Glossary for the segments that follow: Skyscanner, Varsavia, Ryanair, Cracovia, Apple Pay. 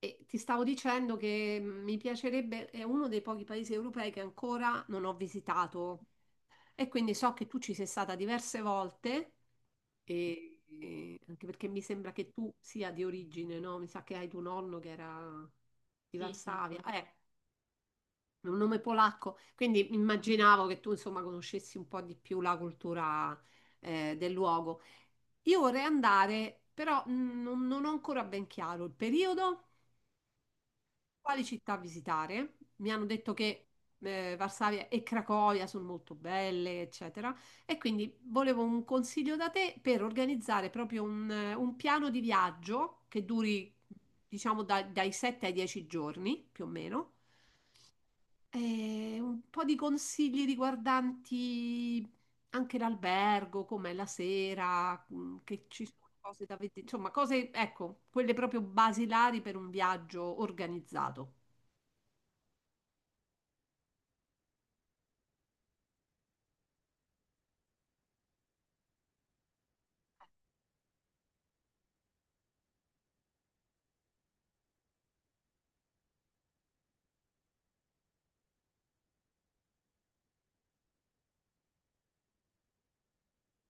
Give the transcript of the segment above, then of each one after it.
E ti stavo dicendo che mi piacerebbe, è uno dei pochi paesi europei che ancora non ho visitato, e quindi so che tu ci sei stata diverse volte e anche perché mi sembra che tu sia di origine, no? Mi sa che hai tuo nonno che era di... Sì, sì, Varsavia, è un nome polacco, quindi immaginavo che tu insomma conoscessi un po' di più la cultura del luogo. Io vorrei andare, però non ho ancora ben chiaro il periodo, quali città visitare. Mi hanno detto che Varsavia e Cracovia sono molto belle, eccetera. E quindi volevo un consiglio da te per organizzare proprio un piano di viaggio che duri, diciamo, dai 7 ai 10 giorni, più o meno. E un po' di consigli riguardanti anche l'albergo, com'è la sera, che ci sono cose da vedere, insomma, cose, ecco, quelle proprio basilari per un viaggio organizzato.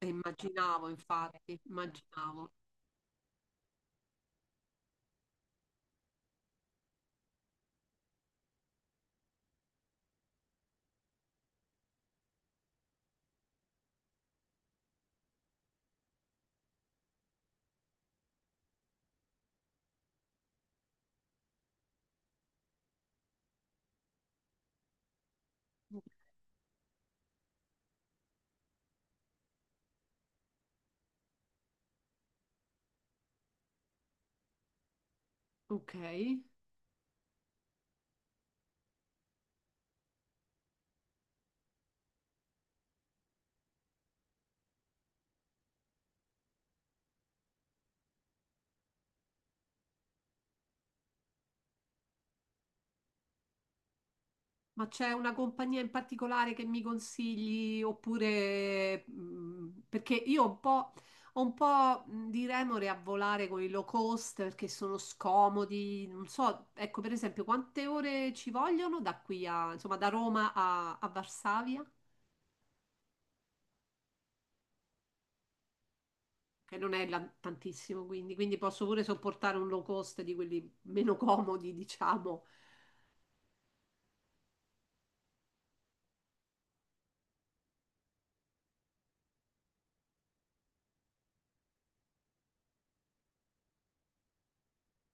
Immaginavo, infatti, immaginavo. Ok, ma c'è una compagnia in particolare che mi consigli, oppure perché io ho un po' di remore a volare con i low cost perché sono scomodi, non so. Ecco, per esempio, quante ore ci vogliono da qui a, insomma, da Roma a, a Varsavia, che non è tantissimo, quindi, quindi posso pure sopportare un low cost di quelli meno comodi, diciamo.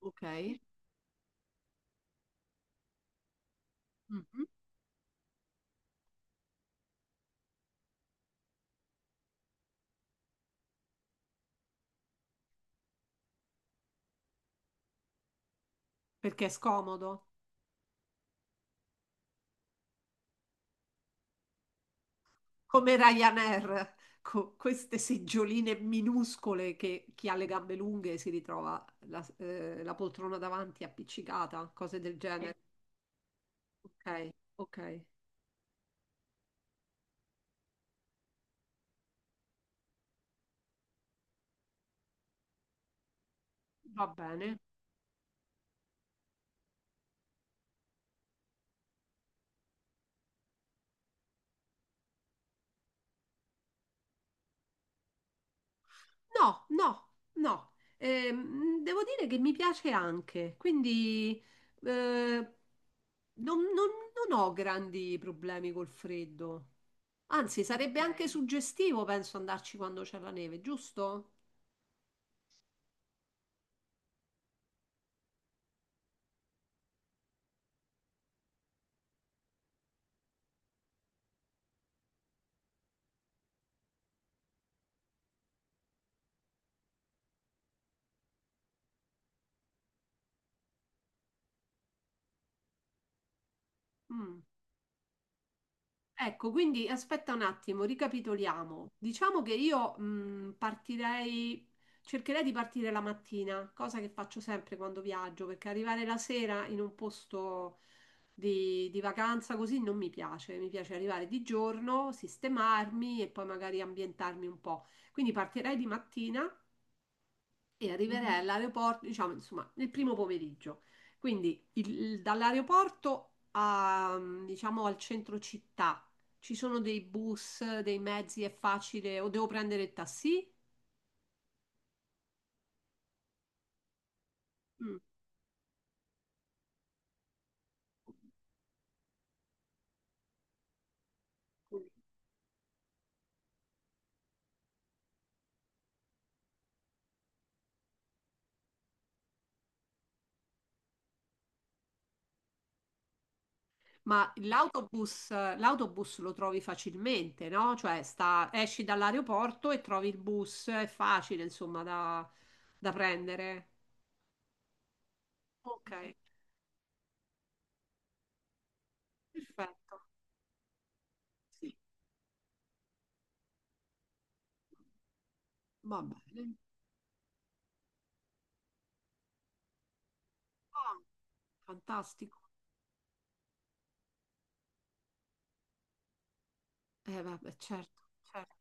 Ok. Mm-hmm. Perché è scomodo, come Ryanair, con queste seggioline minuscole che chi ha le gambe lunghe si ritrova la, la poltrona davanti appiccicata, cose del genere. Ok, ok, va bene. No, no, no. Devo dire che mi piace anche, quindi eh, non, non non ho grandi problemi col freddo. Anzi, sarebbe anche, ok, suggestivo, penso, andarci quando c'è la neve, giusto? Mm. Ecco, quindi aspetta un attimo, ricapitoliamo. Diciamo che io partirei, cercherei di partire la mattina, cosa che faccio sempre quando viaggio, perché arrivare la sera in un posto di vacanza così non mi piace. Mi piace arrivare di giorno, sistemarmi e poi magari ambientarmi un po'. Quindi partirei di mattina e arriverei all'aeroporto, diciamo, insomma, nel primo pomeriggio. Quindi dall'aeroporto a, diciamo, al centro città, ci sono dei bus, dei mezzi, è facile, o devo prendere il taxi? Mm. Ma l'autobus, l'autobus lo trovi facilmente, no? Cioè esci dall'aeroporto e trovi il bus, è facile, insomma, da prendere. Ok, perfetto. Sì. Va bene. Ah, fantastico. Vabbè, certo, certo.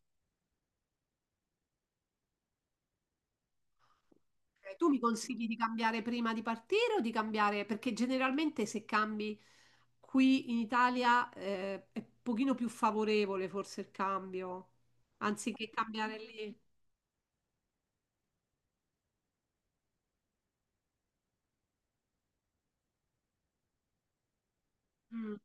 Tu mi consigli di cambiare prima di partire o di cambiare? Perché generalmente se cambi qui in Italia è un pochino più favorevole forse il cambio, anziché cambiare lì. Mm.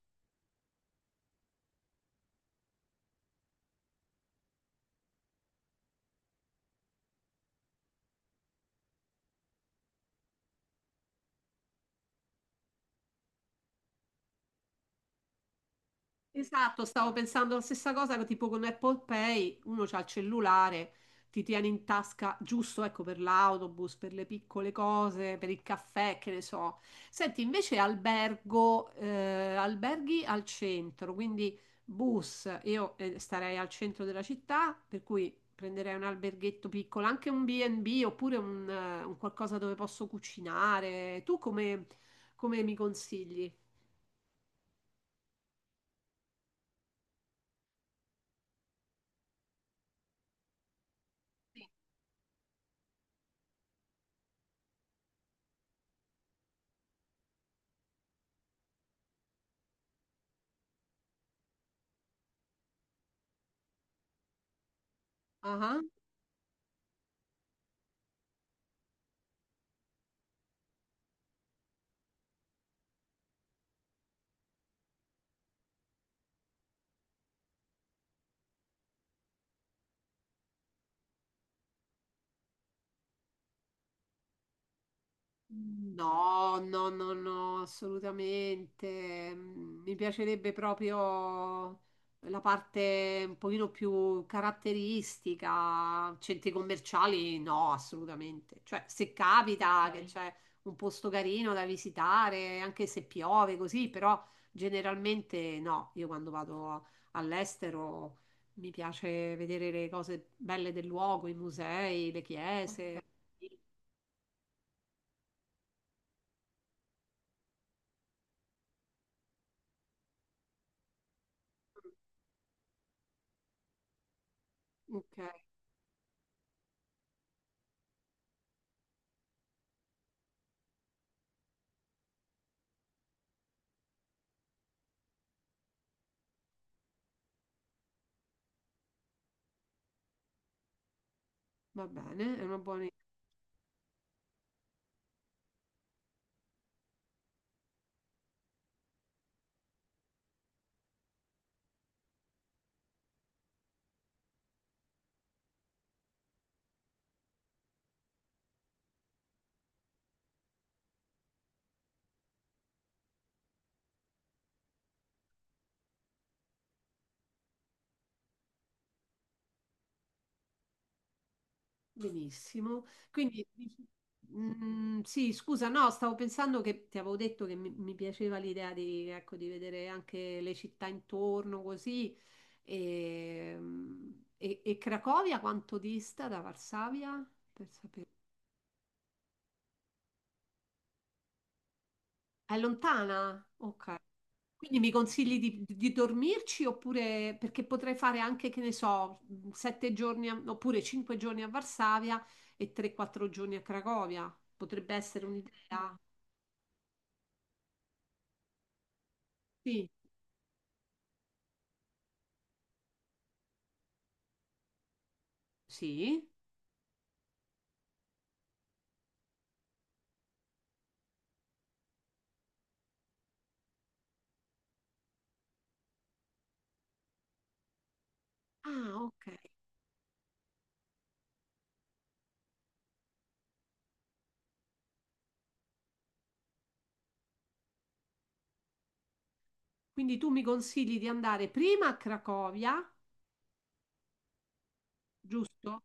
Esatto, stavo pensando la stessa cosa, tipo con Apple Pay, uno c'ha il cellulare, ti tiene in tasca giusto, ecco, per l'autobus, per le piccole cose, per il caffè, che ne so. Senti, invece albergo, alberghi al centro, quindi bus, io starei al centro della città, per cui prenderei un alberghetto piccolo, anche un B&B oppure un qualcosa dove posso cucinare. Tu come, come mi consigli? Ah. No, no, no, no, assolutamente. Mi piacerebbe proprio la parte un pochino più caratteristica, centri commerciali no, assolutamente. Cioè, se capita che, ok, c'è un posto carino da visitare, anche se piove, così. Però generalmente no, io quando vado all'estero mi piace vedere le cose belle del luogo, i musei, le, ok, chiese. Ok. Ok. Va bene, è una buona idea. Benissimo. Quindi, sì, scusa, no, stavo pensando che ti avevo detto che mi piaceva l'idea di, ecco, di vedere anche le città intorno così. E, e Cracovia quanto dista da Varsavia? Per sapere. È lontana? Ok. Quindi mi consigli di dormirci, oppure perché potrei fare anche, che ne so, 7 giorni oppure 5 giorni a Varsavia e 3-4 giorni a Cracovia. Potrebbe essere un'idea. Sì, sì. Ah, ok. Quindi tu mi consigli di andare prima a Cracovia, giusto?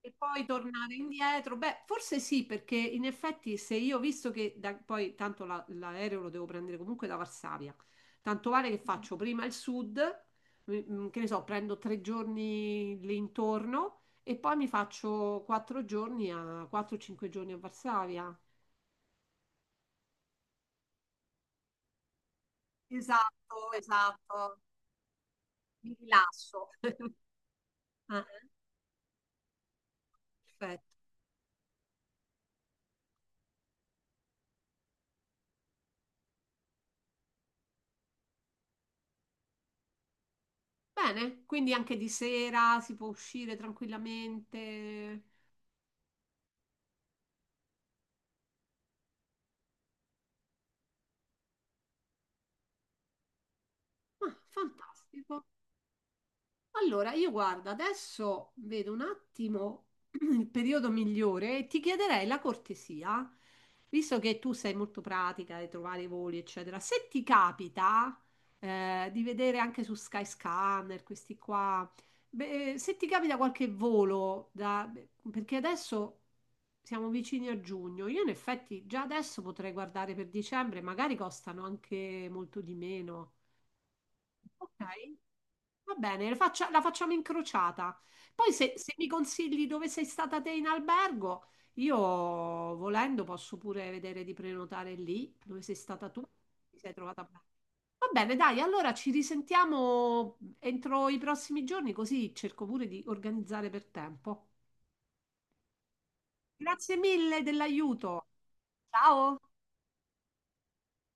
E poi tornare indietro? Beh, forse sì, perché in effetti se io, visto che poi tanto l'aereo lo devo prendere comunque da Varsavia, tanto vale che faccio prima il sud, che ne so, prendo 3 giorni lì intorno e poi mi faccio 4 giorni a 4-5 giorni a Varsavia. Esatto, esatto, mi rilasso. Ah, perfetto. Bene, quindi anche di sera si può uscire tranquillamente. Ah, fantastico. Allora, io guarda, adesso vedo un attimo il periodo migliore, e ti chiederei la cortesia, visto che tu sei molto pratica di trovare i voli, eccetera, se ti capita di vedere anche su Skyscanner questi qua. Beh, se ti capita qualche volo, perché adesso siamo vicini a giugno, io in effetti già adesso potrei guardare per dicembre, magari costano anche molto di meno. Ok, va bene, la facciamo incrociata. Poi se mi consigli dove sei stata te in albergo, io volendo posso pure vedere di prenotare lì dove sei stata tu. Ti sei trovata bene. Va bene, dai, allora ci risentiamo entro i prossimi giorni, così cerco pure di organizzare per tempo. Grazie mille dell'aiuto. Ciao!